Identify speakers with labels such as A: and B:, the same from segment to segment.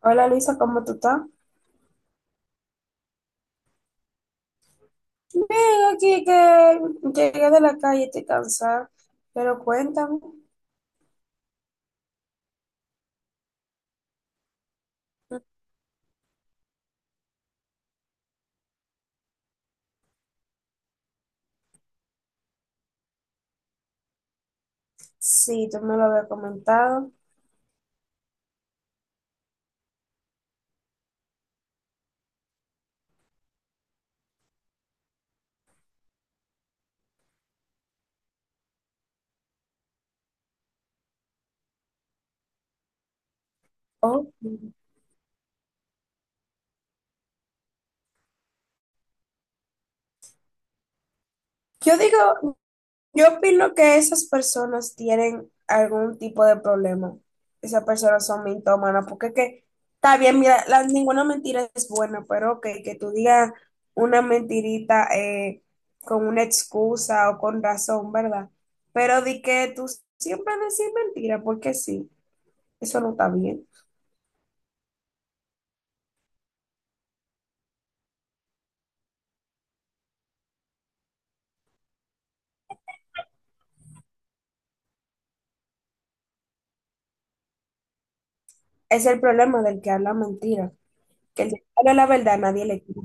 A: Hola Luisa, ¿cómo tú estás? Bien, aquí que llegué de la calle, estoy cansada, pero cuéntame. Sí, tú me lo habías comentado. Oh. Yo digo, yo opino que esas personas tienen algún tipo de problema. Esas personas son mintómanas, porque es que está bien, mira, ninguna mentira es buena, pero ok, que tú digas una mentirita con una excusa o con razón, ¿verdad? Pero di que tú siempre decís mentira, porque sí. Eso no está bien. Es el problema del que habla mentira, que el que habla la verdad nadie le cree.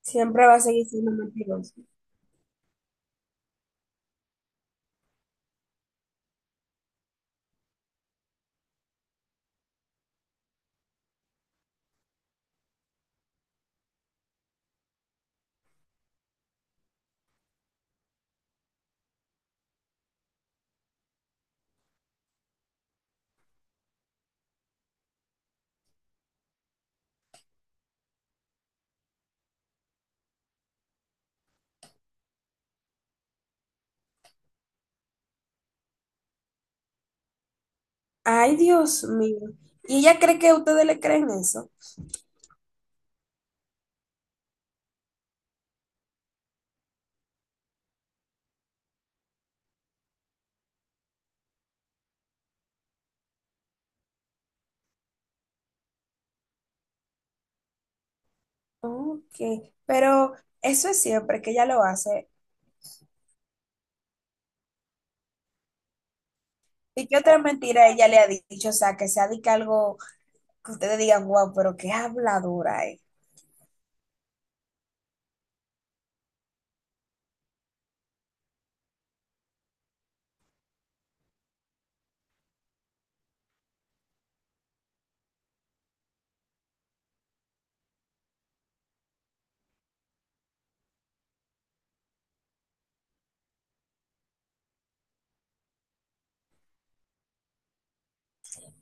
A: Siempre va a seguir siendo mentiroso. Ay, Dios mío. ¿Y ella cree que ustedes le creen eso? Ok. Pero eso es siempre que ella lo hace. ¿Y qué otra mentira ella le ha dicho? O sea, que sea de que algo que ustedes digan, wow, pero qué habladora es.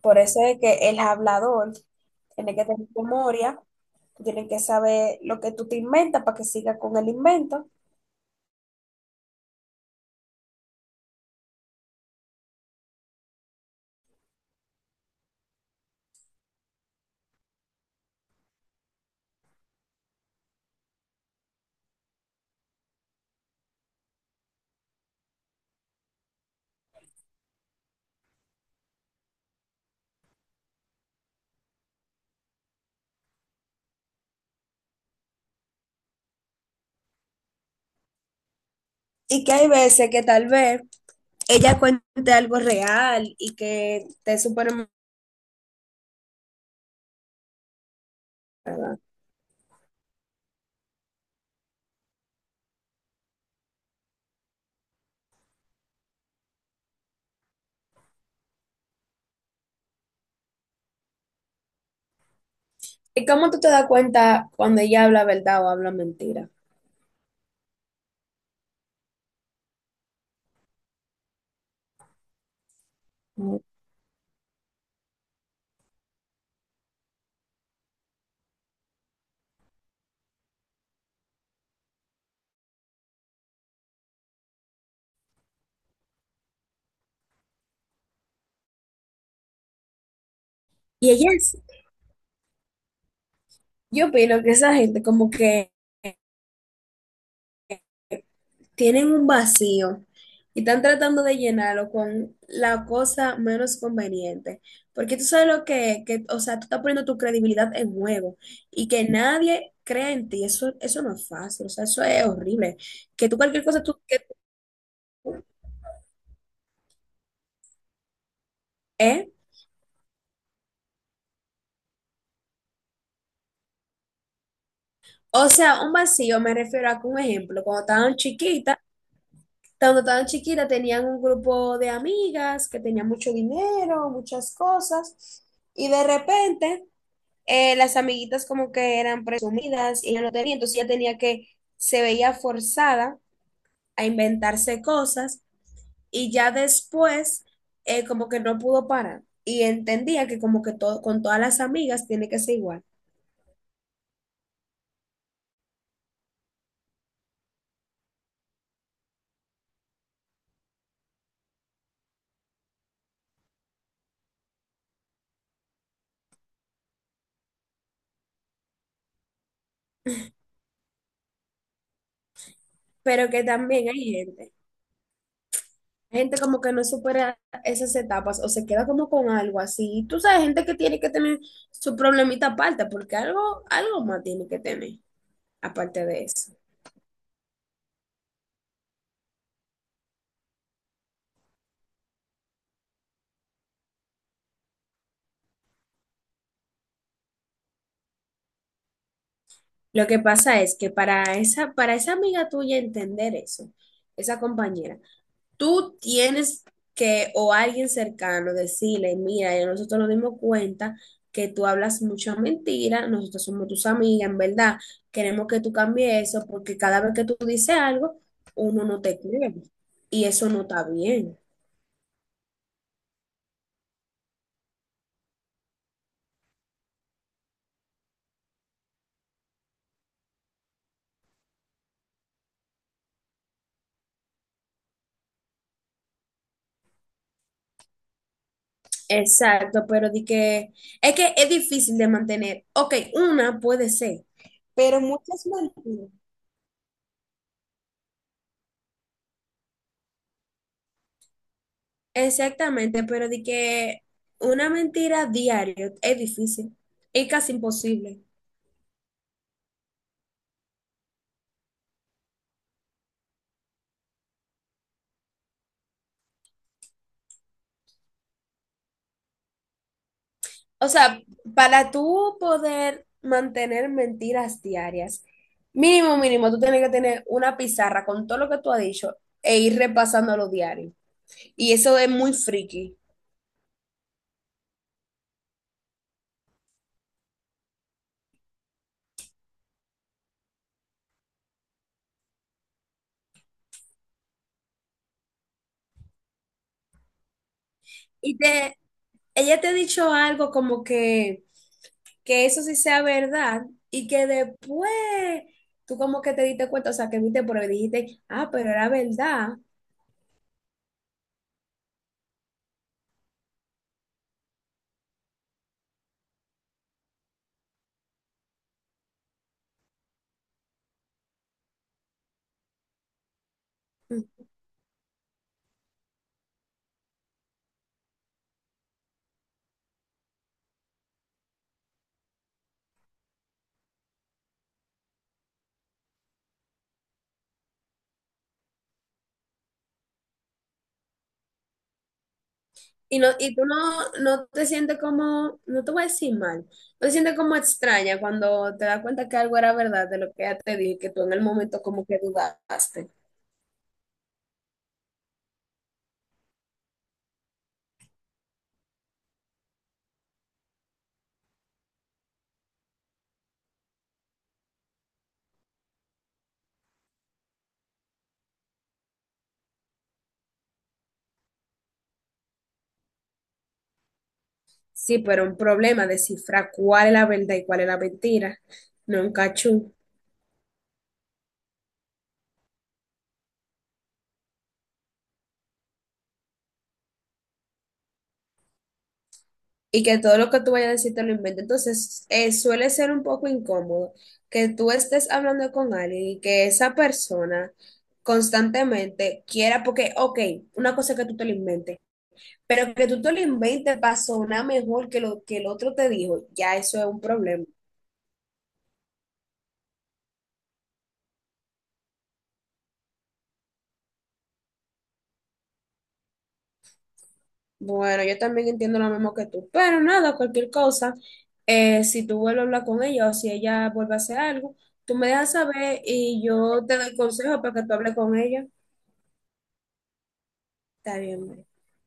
A: Por eso es que el hablador tiene que tener memoria, tiene que saber lo que tú te inventas para que siga con el invento. Y que hay veces que tal vez ella cuente algo real y que te supone. ¿Y cómo tú te das cuenta cuando ella habla verdad o habla mentira? Y ella es, yo opino que esa gente como que tienen un vacío y están tratando de llenarlo con la cosa menos conveniente. Porque tú sabes lo que, o sea, tú estás poniendo tu credibilidad en juego y que nadie crea en ti, eso no es fácil, o sea, eso es horrible. Que tú cualquier cosa, tú, que tú, ¿eh? O sea, un vacío me refiero a que un ejemplo, cuando estaban chiquitas tenían un grupo de amigas que tenían mucho dinero, muchas cosas, y de repente las amiguitas como que eran presumidas y ella no tenía, entonces ella tenía que, se veía forzada a inventarse cosas y ya después como que no pudo parar y entendía que como que todo, con todas las amigas tiene que ser igual, pero que también hay gente. Hay gente como que no supera esas etapas o se queda como con algo así. Tú sabes, gente que tiene que tener su problemita aparte, porque algo, algo más tiene que tener aparte de eso. Lo que pasa es que para esa amiga tuya entender eso, esa compañera, tú tienes que, o alguien cercano, decirle, mira, ya nosotros nos dimos cuenta que tú hablas mucha mentira, nosotros somos tus amigas, en verdad, queremos que tú cambies eso, porque cada vez que tú dices algo, uno no te cree. Y eso no está bien. Exacto, pero di que es difícil de mantener. Ok, una puede ser, pero muchas mentiras. Exactamente, pero di que una mentira diaria es difícil, es casi imposible. O sea, para tú poder mantener mentiras diarias, mínimo, mínimo, tú tienes que tener una pizarra con todo lo que tú has dicho e ir repasando los diarios. Y eso es muy friki. Y te, ella te ha dicho algo como que eso sí sea verdad y que después tú como que te diste cuenta, o sea, que viste por ahí y dijiste, ah, pero era verdad. Y, no, y tú no, no te sientes como, no te voy a decir mal, no te sientes como extraña cuando te das cuenta que algo era verdad de lo que ella te dijo y que tú en el momento como que dudaste. Sí, pero un problema descifrar cuál es la verdad y cuál es la mentira, no un cachú. Y que todo lo que tú vayas a decir te lo inventes. Entonces, suele ser un poco incómodo que tú estés hablando con alguien y que esa persona constantemente quiera, porque, ok, una cosa es que tú te lo inventes. Pero que tú te lo inventes para sonar mejor que lo que el otro te dijo, ya eso es un problema. Bueno, yo también entiendo lo mismo que tú, pero nada, cualquier cosa, si tú vuelves a hablar con ella o si ella vuelve a hacer algo, tú me dejas saber y yo te doy consejo para que tú hables con ella. Está bien.